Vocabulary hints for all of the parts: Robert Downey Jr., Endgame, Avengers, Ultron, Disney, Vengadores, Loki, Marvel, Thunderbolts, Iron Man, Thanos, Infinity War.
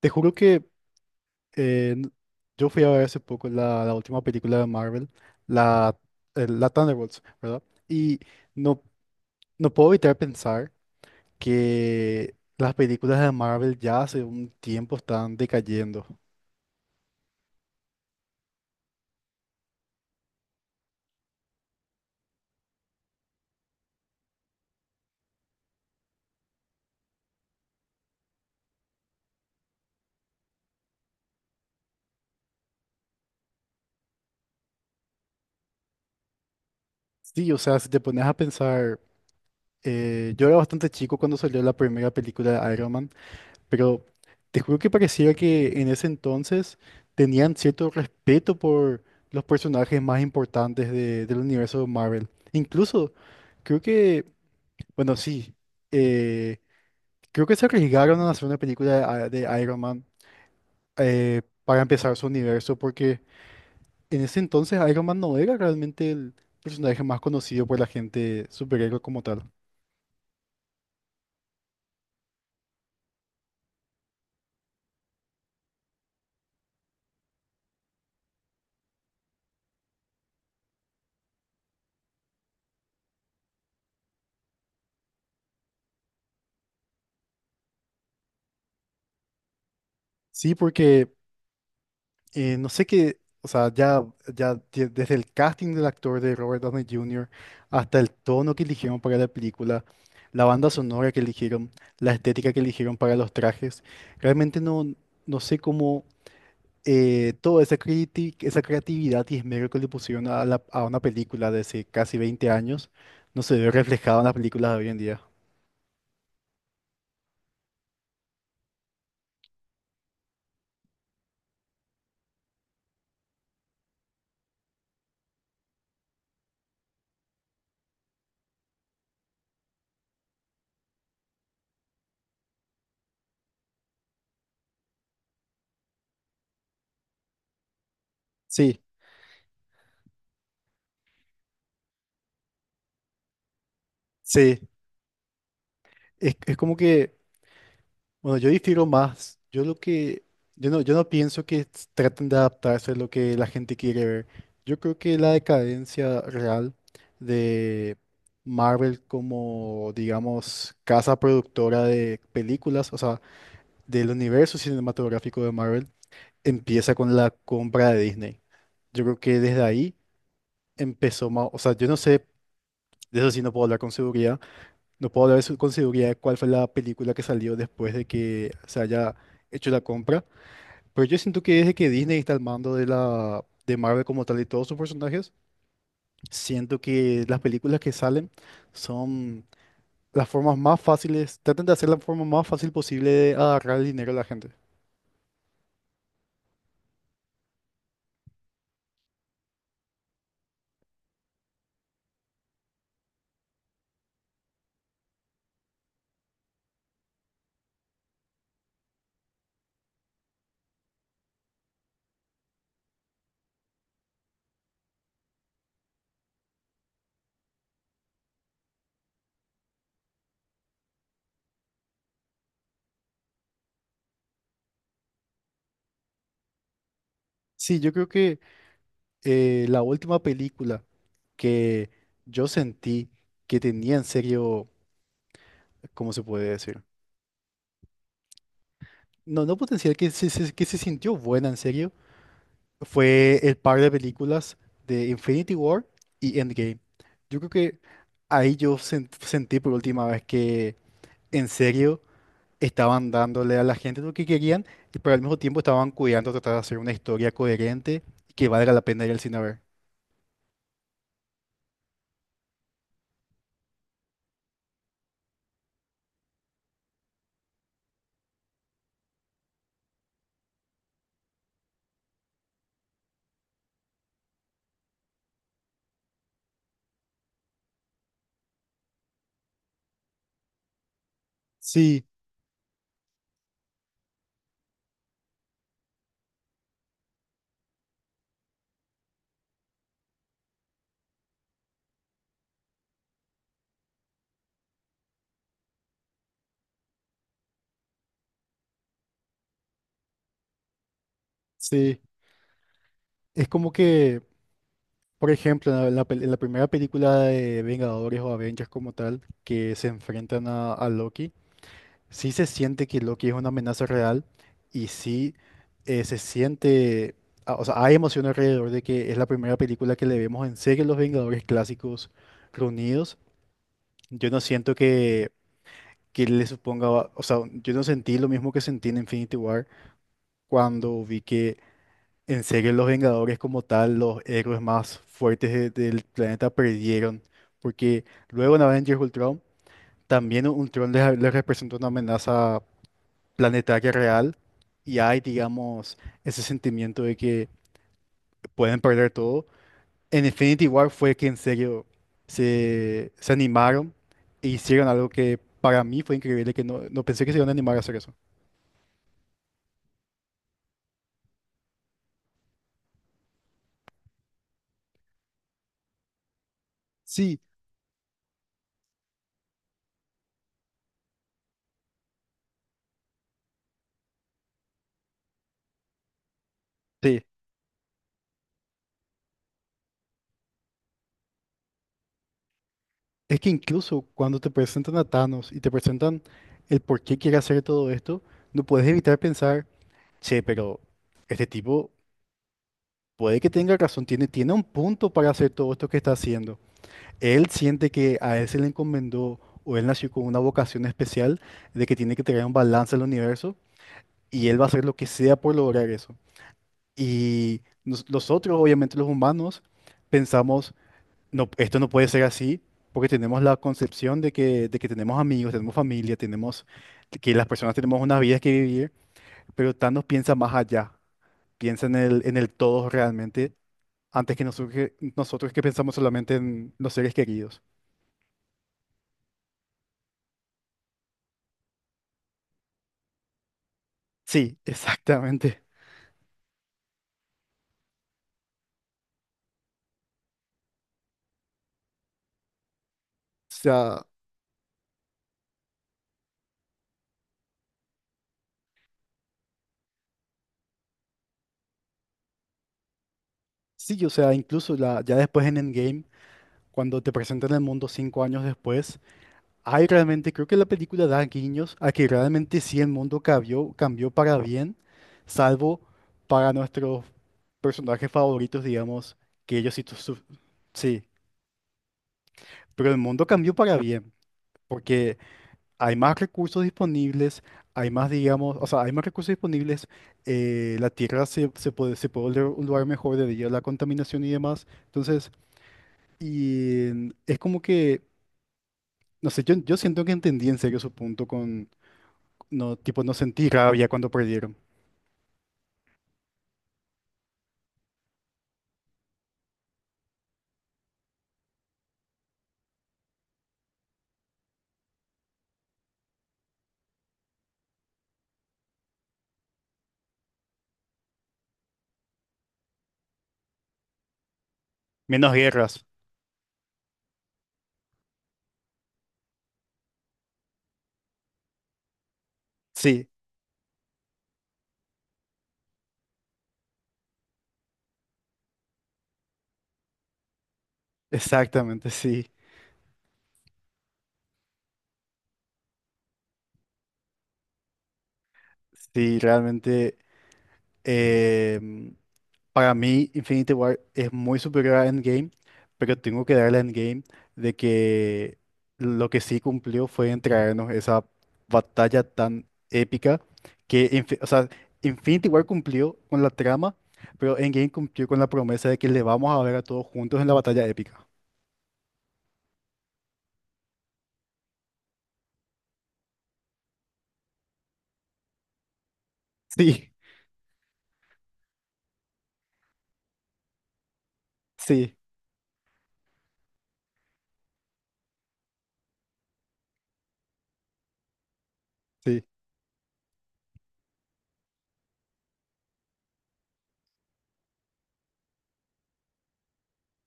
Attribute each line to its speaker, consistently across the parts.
Speaker 1: Te juro que eh, n- yo fui a ver hace poco la última película de Marvel, la, la Thunderbolts, ¿verdad? Y no, no puedo evitar pensar que las películas de Marvel ya hace un tiempo están decayendo. Sí, o sea, si te pones a pensar, yo era bastante chico cuando salió la primera película de Iron Man. Pero te juro que pareciera que en ese entonces tenían cierto respeto por los personajes más importantes del universo de Marvel. Incluso, creo que, bueno, sí, eh, creo que se arriesgaron a hacer una película de Iron Man, para empezar su universo, porque en ese entonces Iron Man no era realmente el personaje más conocido por la gente superhéroe como tal. Sí, porque no sé qué, o sea, ya desde el casting del actor de Robert Downey Jr. hasta el tono que eligieron para la película, la banda sonora que eligieron, la estética que eligieron para los trajes, realmente no sé cómo toda esa, esa creatividad y esmero que le pusieron a, a una película de hace casi 20 años no se ve reflejado en las películas de hoy en día. Sí, sí. Es como que. Bueno, yo difiero más. Yo no, yo no pienso que traten de adaptarse a lo que la gente quiere ver. Yo creo que la decadencia real de Marvel como, digamos, casa productora de películas, o sea, del universo cinematográfico de Marvel, empieza con la compra de Disney. Yo creo que desde ahí empezó más, o sea, yo no sé, de eso sí no puedo hablar con seguridad, no puedo hablar con seguridad de cuál fue la película que salió después de que se haya hecho la compra, pero yo siento que desde que Disney está al mando de la de Marvel como tal y todos sus personajes, siento que las películas que salen son las formas más fáciles, tratan de hacer la forma más fácil posible de agarrar el dinero a la gente. Sí, yo creo que la última película que yo sentí que tenía en serio, ¿cómo se puede decir? No, no potencial, que que se sintió buena en serio, fue el par de películas de Infinity War y Endgame. Yo creo que ahí yo sentí por última vez que en serio estaban dándole a la gente lo que querían, y pero al mismo tiempo estaban cuidando tratar de hacer una historia coherente y que valga la pena ir al cine a ver. Sí, sí. Es como que, por ejemplo, en la en la primera película de Vengadores o Avengers como tal, que se enfrentan a Loki. Sí se siente que Loki es una amenaza real, y sí, se siente, ah, o sea, hay emoción alrededor de que es la primera película que le vemos en serie a los Vengadores clásicos reunidos. Yo no siento que le suponga, o sea, yo no sentí lo mismo que sentí en Infinity War cuando vi que en serie los Vengadores como tal, los héroes más fuertes del planeta perdieron, porque luego en Avengers Ultron también Ultron les representó una amenaza planetaria real, y hay, digamos, ese sentimiento de que pueden perder todo. En Infinity War fue que en serio se animaron e hicieron algo que para mí fue increíble, que no, no pensé que se iban a animar a hacer eso. Sí, sí. Es que incluso cuando te presentan a Thanos y te presentan el por qué quiere hacer todo esto, no puedes evitar pensar, che, pero este tipo puede que tenga razón, tiene un punto para hacer todo esto que está haciendo. Él siente que a él se le encomendó o él nació con una vocación especial de que tiene que traer un balance al universo y él va a hacer lo que sea por lograr eso. Y nosotros, obviamente los humanos, pensamos, no, esto no puede ser así porque tenemos la concepción de de que tenemos amigos, tenemos familia, tenemos que las personas tenemos unas vidas que vivir, pero Thanos piensa más allá, piensa en en el todo realmente antes que nosotros, nosotros que pensamos solamente en los seres queridos. Sí, exactamente. O sea, sí, o sea, incluso la, ya después en Endgame, cuando te presentan el mundo 5 años después, hay realmente, creo que la película da guiños a que realmente sí el mundo cambió, cambió para bien, salvo para nuestros personajes favoritos, digamos, que ellos sí, sí, pero el mundo cambió para bien, porque hay más recursos disponibles, hay más, digamos, o sea, hay más recursos disponibles, la tierra se puede volver un lugar mejor debido a la contaminación y demás, entonces... Y es como que, no sé, yo siento que entendí en serio su punto con, no, tipo, no sentí rabia cuando perdieron. Menos guerras. Sí, exactamente, sí. Sí, realmente. em, Para mí, Infinity War es muy superior a Endgame, pero tengo que darle a Endgame de que lo que sí cumplió fue entregarnos esa batalla tan épica o sea, Infinity War cumplió con la trama, pero Endgame cumplió con la promesa de que le vamos a ver a todos juntos en la batalla épica. Sí, sí, sí.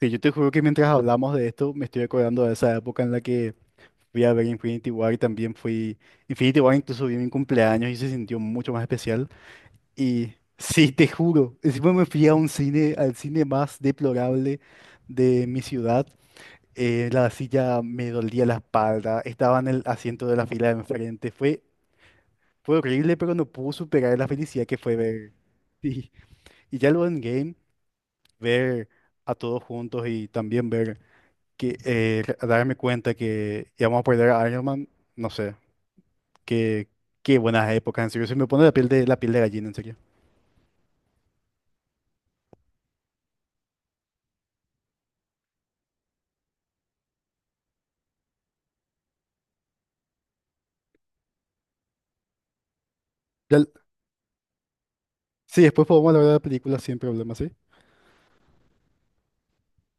Speaker 1: Sí, yo te juro que mientras hablamos de esto, me estoy acordando de esa época en la que fui a ver Infinity War y también fui... Infinity War incluso vi en mi cumpleaños y se sintió mucho más especial. Y sí, te juro, encima me fui a un cine, al cine más deplorable de mi ciudad. La silla me dolía la espalda, estaba en el asiento de la fila de enfrente. Fue horrible, pero no pude superar la felicidad que fue ver. Sí. Y ya luego en game, ver a todos juntos y también ver que darme cuenta que íbamos a perder a Iron Man, no sé, qué, qué buenas épocas, en serio. Se me pone la piel de gallina, en serio. Ya- sí, después podemos hablar de la película sin problema, ¿sí?